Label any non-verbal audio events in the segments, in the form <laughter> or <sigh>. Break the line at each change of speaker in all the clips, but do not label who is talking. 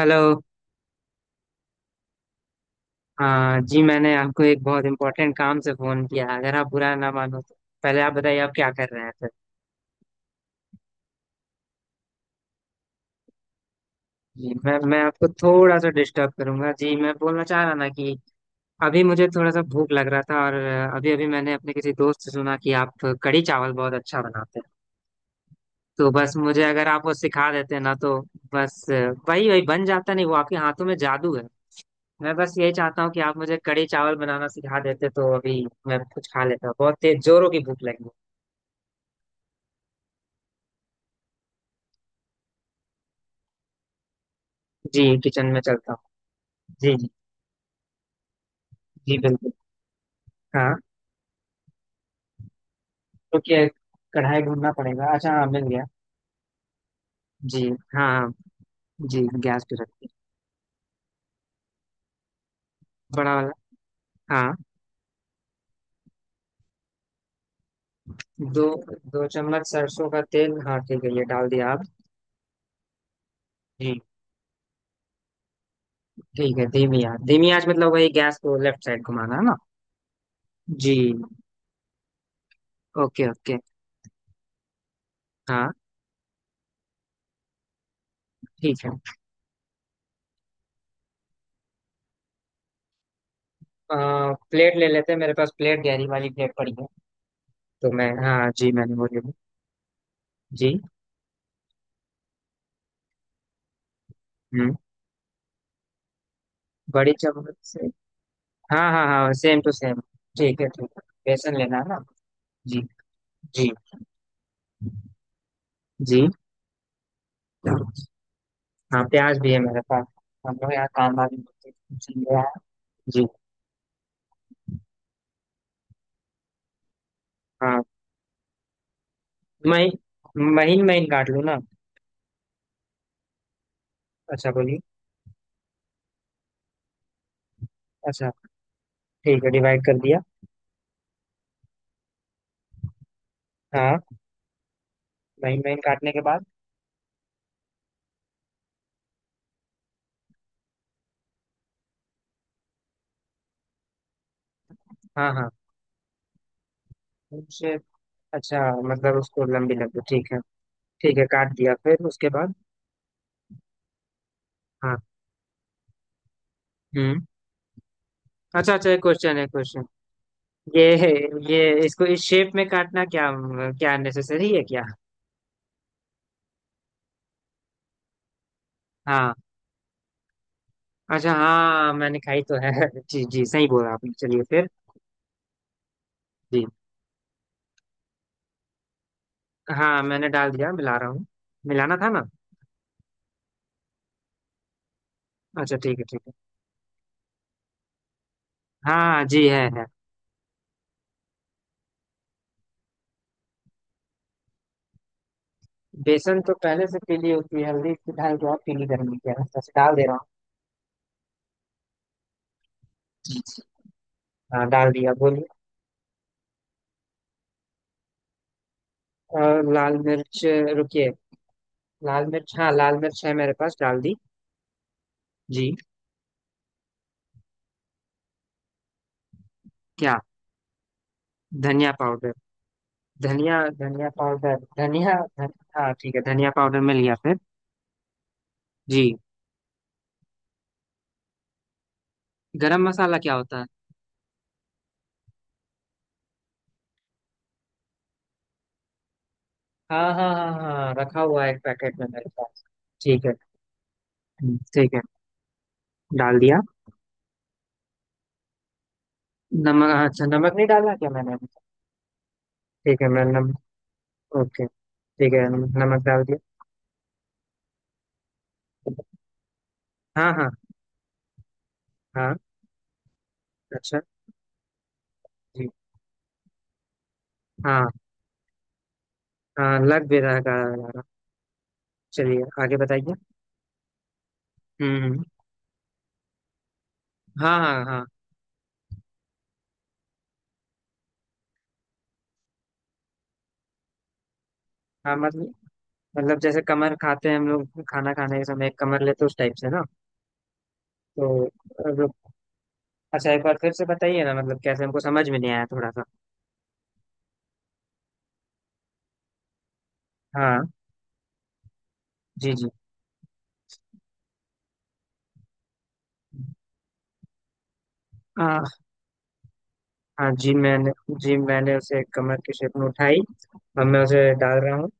Hello. हाँ जी, मैंने आपको एक बहुत इम्पोर्टेंट काम से फ़ोन किया है, अगर आप बुरा ना मानो तो पहले आप बताइए आप क्या कर रहे हैं फिर। जी, मैं आपको थोड़ा सा डिस्टर्ब करूंगा जी, मैं बोलना चाह रहा ना कि अभी मुझे थोड़ा सा भूख लग रहा था, और अभी अभी मैंने अपने किसी दोस्त से सुना कि आप कढ़ी चावल बहुत अच्छा बनाते हैं। तो बस मुझे अगर आप वो सिखा देते ना तो। बस, वही वही बन जाता नहीं, वो आपके हाथों में जादू है। मैं बस यही चाहता हूँ कि आप मुझे कढ़ी चावल बनाना सिखा देते तो अभी मैं कुछ खा लेता, बहुत तेज जोरों की भूख लगी है। जी, किचन में चलता हूँ। जी जी। जी बिल्कुल। हाँ। तो क्या कढ़ाई ढूंढना पड़ेगा? अच्छा, हाँ मिल गया। जी। हाँ। जी। गैस पे रखिए। बड़ा वाला। हाँ। दो। 2 चम्मच सरसों का तेल, हाँ ठीक है, ये डाल दिया आप। जी। ठीक है, धीमी आंच, धीमी आंच मतलब वही गैस को लेफ्ट साइड घुमाना है ना? जी। Okay okay. हाँ ठीक है। प्लेट ले लेते हैं, मेरे पास प्लेट, गहरी वाली प्लेट पड़ी है। तो मैं, हाँ जी, मैंने वो ले ली। जी। हम्म। बड़ी चम्मच से। हाँ हाँ हाँ, सेम टू सेम। ठीक है, ठीक है। बेसन लेना है ना? जी। जी। जी हाँ, प्याज भी है मेरे पास, हम लोग यहाँ काम वाली चल रहा है। जी। हाँ। महीन, महीन महीन काट लूँ ना? अच्छा, बोलिए। अच्छा ठीक है, डिवाइड कर दिया। हाँ, महीन महीन काटने के बाद। हाँ हाँ। उनसे। अच्छा, मतलब उसको लंबी लंबी, ठीक है। ठीक है, काट दिया, फिर उसके बाद? हाँ। हम्म। अच्छा अच्छा, एक क्वेश्चन है, क्वेश्चन। ये ये इसको इस शेप में काटना क्या, क्या नेसेसरी है क्या? हाँ। अच्छा, हाँ मैंने खाई तो है <laughs> जी जी, सही बोला आपने, चलिए फिर। जी। हाँ, मैंने डाल दिया, मिला रहा हूँ। मिलाना था ना? अच्छा, ठीक है ठीक है। हाँ जी, है है। बेसन तो पहले से पीली होती है, हल्दी की डाल के और पीली करनी क्या है, बस डाल दे रहा हूँ। जी, जी। हाँ, डाल दिया, बोलिए। और लाल मिर्च। रुकिए। लाल मिर्च, हाँ, लाल मिर्च है मेरे पास, डाल दी। जी। क्या? धनिया पाउडर। धनिया, धनिया पाउडर, धनिया। हाँ ठीक है, धनिया पाउडर मिल गया, फिर? जी। गरम मसाला क्या होता है? हाँ हाँ हाँ हाँ, रखा हुआ है एक पैकेट में मेरे पास। ठीक है। ठीक है, डाल दिया। नमक? अच्छा, नमक नहीं डाला क्या मैंने अभी तक? ठीक है, मैं नमक। ओके। ठीक है, नमक डाल दिया। हाँ हाँ हाँ। अच्छा। जी। हाँ हाँ, लग भी रहा है गाढ़ा गाढ़ा। चलिए, आगे बताइए। हम्म। हाँ हाँ हाँ हाँ। मतलब। मतलब जैसे कमर खाते हैं हम लोग खाना खाने के समय, एक कमर लेते हैं, उस टाइप से ना? तो अब- अच्छा, एक बार फिर से बताइए ना, मतलब कैसे, हमको समझ में नहीं आया थोड़ा सा। हाँ। जी जी। हाँ हाँ। जी मैंने। जी, मैंने उसे कमर की शेप में उठाई, अब मैं उसे डाल रहा हूँ।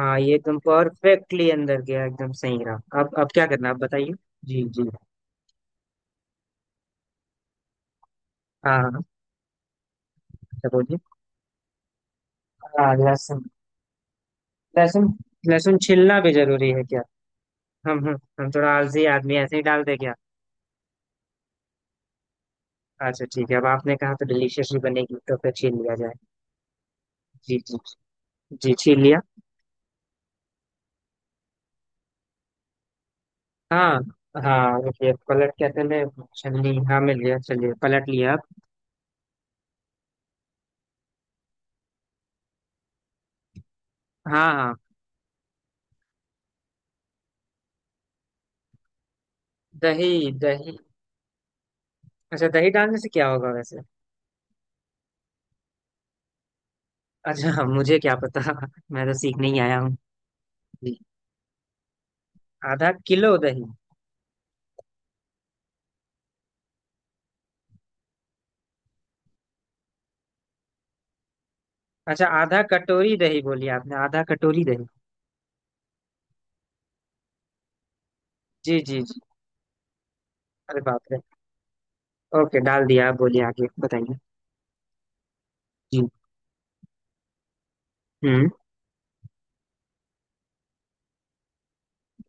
हाँ, ये एकदम परफेक्टली अंदर गया, एकदम सही रहा। अब क्या करना है आप बताइए। जी जी। हाँ हाँ। अच्छा, बोलिए। हाँ, लहसुन। लहसुन। लहसुन छिलना भी जरूरी है क्या? हम थोड़ा आलसी आदमी, ऐसे ही डाल दे क्या? अच्छा ठीक है, अब आपने कहा तो डिलीशियस ही बनेगी, तो फिर छील लिया जाए। जी जी। जी, छील लिया। हाँ हाँ, देखिए पलट, क्या चले? छलनी, हाँ मिल गया, चलिए पलट लिया अब। हाँ हाँ। दही, दही। अच्छा, दही डालने से क्या होगा वैसे? अच्छा, मुझे क्या पता <laughs> मैं तो सीखने ही आया हूँ। जी। आधा किलो दही। अच्छा, आधा कटोरी दही बोली आपने, आधा कटोरी दही। जी जी जी, अरे बाप रे। ओके, डाल दिया, आप बोलिए, आगे बताइए। जी। हम्म।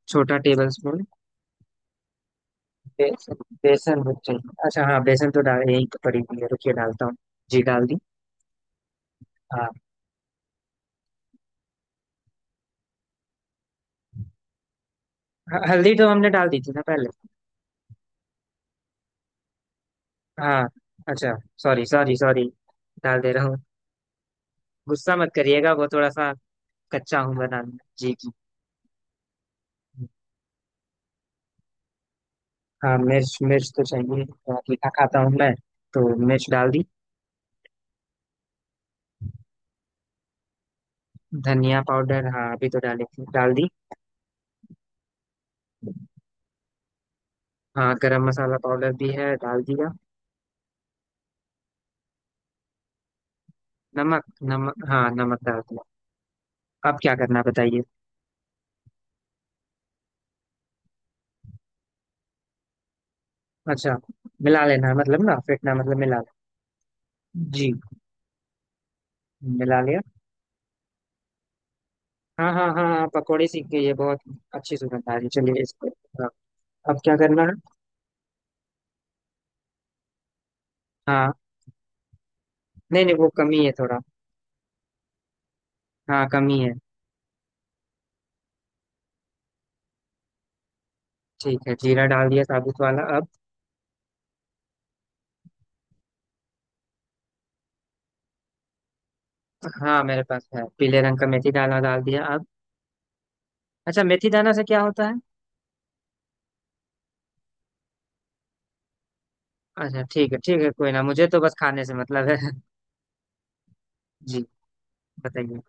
छोटा टेबल स्पून। बेसन। बेसन भी चाहिए? अच्छा हाँ, बेसन तो डाल, यही तो पड़ी हुई है, रुकिए डालता हूँ। जी, डाल दी। हाँ। हल्दी तो हमने डाल दी थी ना पहले? हाँ। अच्छा। सॉरी सॉरी सॉरी, डाल दे रहा हूँ। गुस्सा मत करिएगा, वो थोड़ा सा कच्चा हूँ बनाने में। जी जी। हाँ, मिर्च, मिर्च तो चाहिए, थोड़ा तीखा खाता हूँ मैं, तो मिर्च डाल दी। धनिया पाउडर, हाँ अभी तो डाली थी, डाल दी। हाँ, गरम मसाला पाउडर भी है, डाल दिया। नमक। नमक, हाँ नमक डाल दिया। अब क्या करना है बताइए? अच्छा। मिला लेना है मतलब ना, फेंटना मतलब मिला लेना। जी, मिला लिया। हाँ हाँ हाँ हाँ, पकौड़े सीख गई है बहुत, अच्छी सुगंध आ रही है। चलिए, इसको, हाँ। अब क्या करना है? हाँ नहीं नहीं, वो कमी है थोड़ा। हाँ, कमी है। ठीक है, जीरा डाल दिया, साबुत वाला, अब? हाँ, मेरे पास है पीले रंग का मेथी, डाला, डाल दिया, अब? अच्छा, मेथी दाना से क्या होता है? अच्छा ठीक है ठीक है, कोई ना, मुझे तो बस खाने से मतलब है <laughs> जी, बताइए।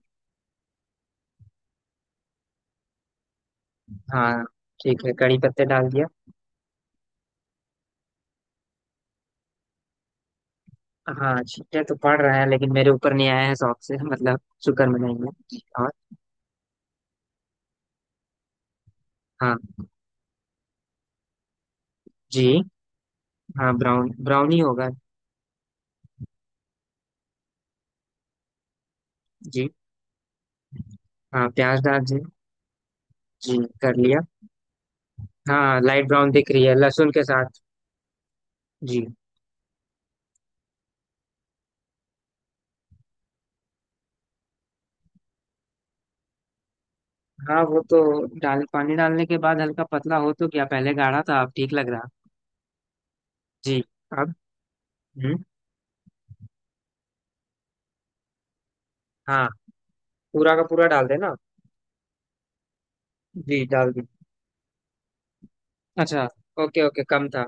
हाँ ठीक है, कड़ी पत्ते डाल दिया। हाँ, छींटे तो पड़ रहा है, लेकिन मेरे ऊपर नहीं आया है, शौक से <laughs> मतलब शुक्र मनाइए जी, और? हाँ। जी। हाँ, ब्राउन, ब्राउन ही होगा। जी, हाँ प्याज डाल दिए। जी, कर लिया। हाँ, लाइट ब्राउन दिख रही है लहसुन के साथ। जी। हाँ, वो तो डाल पानी डालने के बाद हल्का पतला हो, तो क्या पहले गाढ़ा था, अब ठीक लग रहा। जी। अब। हम्म। हाँ, पूरा का पूरा डाल देना। जी, डाल दी। अच्छा। ओके ओके, कम था।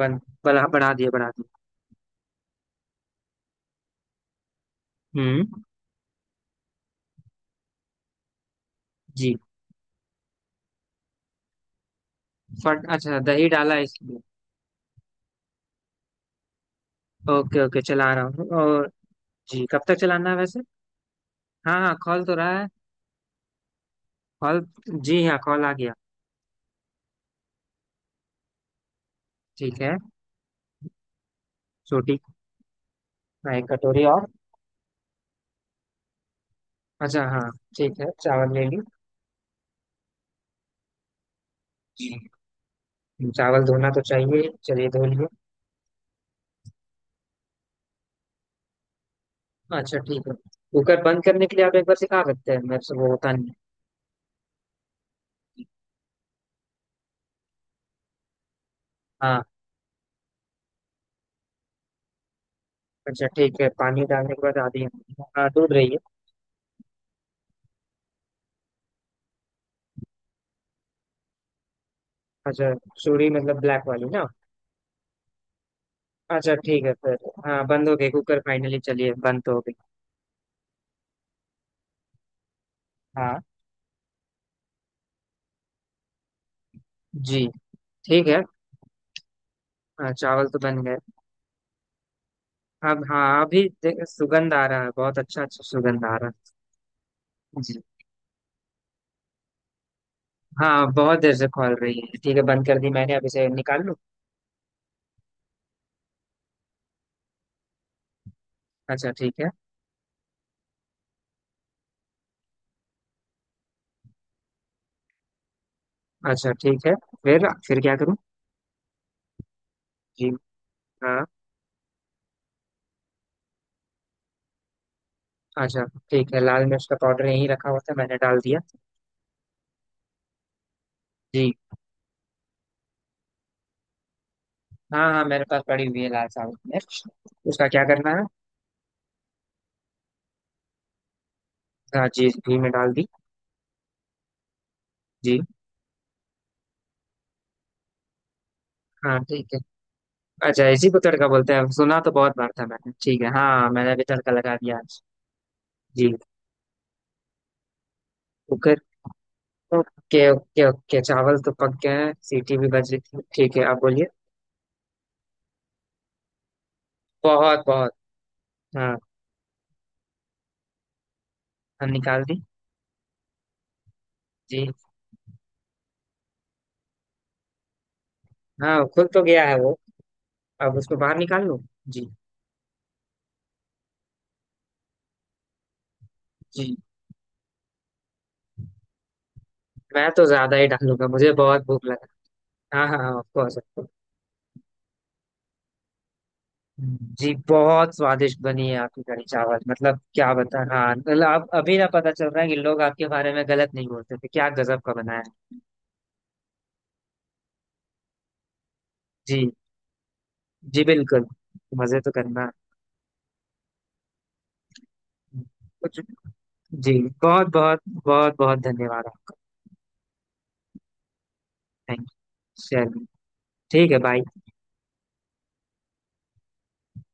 बन बढ़ा बढ़ा दिए, बढ़ा दिए। हम्म। जी, फट, अच्छा दही डाला है इसलिए। ओके ओके, चला रहा हूँ, और? जी, कब तक चलाना है वैसे? हाँ हाँ, कॉल तो रहा है। कॉल। जी, हाँ कॉल आ गया। ठीक है। रोटी। हाँ, एक कटोरी और। अच्छा, हाँ ठीक है, चावल ले ली। जी। चावल धोना तो चाहिए ही। चलिए, धो लिए। अच्छा ठीक है, कुकर बंद करने के लिए आप एक बार सिखा सकते हैं मेरे से, वो होता नहीं है। हाँ। अच्छा ठीक है, पानी डालने के बाद आधी, हाँ डूब रही है। अच्छा, चूड़ी मतलब ब्लैक वाली ना? अच्छा ठीक है, फिर? हाँ, बंद हो गई कुकर, फाइनली चलिए, बंद तो हो गई। हाँ। जी। ठीक है। हाँ, चावल तो बन गए। अब हाँ, अभी सुगंध आ रहा है बहुत अच्छा, अच्छा सुगंध आ रहा है जी। हाँ, बहुत देर से खोल रही है, ठीक है बंद कर दी मैंने, अब इसे निकाल लूँ? अच्छा ठीक है। अच्छा ठीक है, फिर क्या करूँ? जी। हाँ। अच्छा ठीक है, लाल मिर्च का पाउडर यहीं रखा हुआ था, मैंने डाल दिया। जी। हाँ हाँ, मेरे पास पड़ी हुई है लाल साबुत मिर्च। उसका क्या करना है? हाँ, जी घी में डाल दी। जी। हाँ ठीक है। अच्छा, इसी को तड़का बोलते हैं, सुना तो बहुत बार था मैंने। ठीक है, हाँ, मैंने भी तड़का लगा दिया आज। जी। कुकर। ओके ओके ओके, चावल तो पक गए हैं, सीटी भी बज रही थी, ठीक है आप बोलिए। बहुत बहुत। हाँ। हम निकाल दी। जी। हाँ, खुल तो गया है वो, अब उसको बाहर निकाल लूं? जी जी। मैं तो ज्यादा ही डालूंगा, मुझे बहुत भूख लगा। हाँ हाँ, ऑफ कोर्स। जी, बहुत स्वादिष्ट बनी है आपकी कढ़ी चावल, मतलब क्या बता, हाँ मतलब आप, अभी ना पता चल रहा है कि लोग आपके बारे में गलत नहीं बोलते थे, क्या गजब का बनाया है। जी जी बिल्कुल। मजे तो करना। कुछ। जी, बहुत बहुत, बहुत बहुत धन्यवाद आपका। Thank you. चलिए। ठीक है, बाय।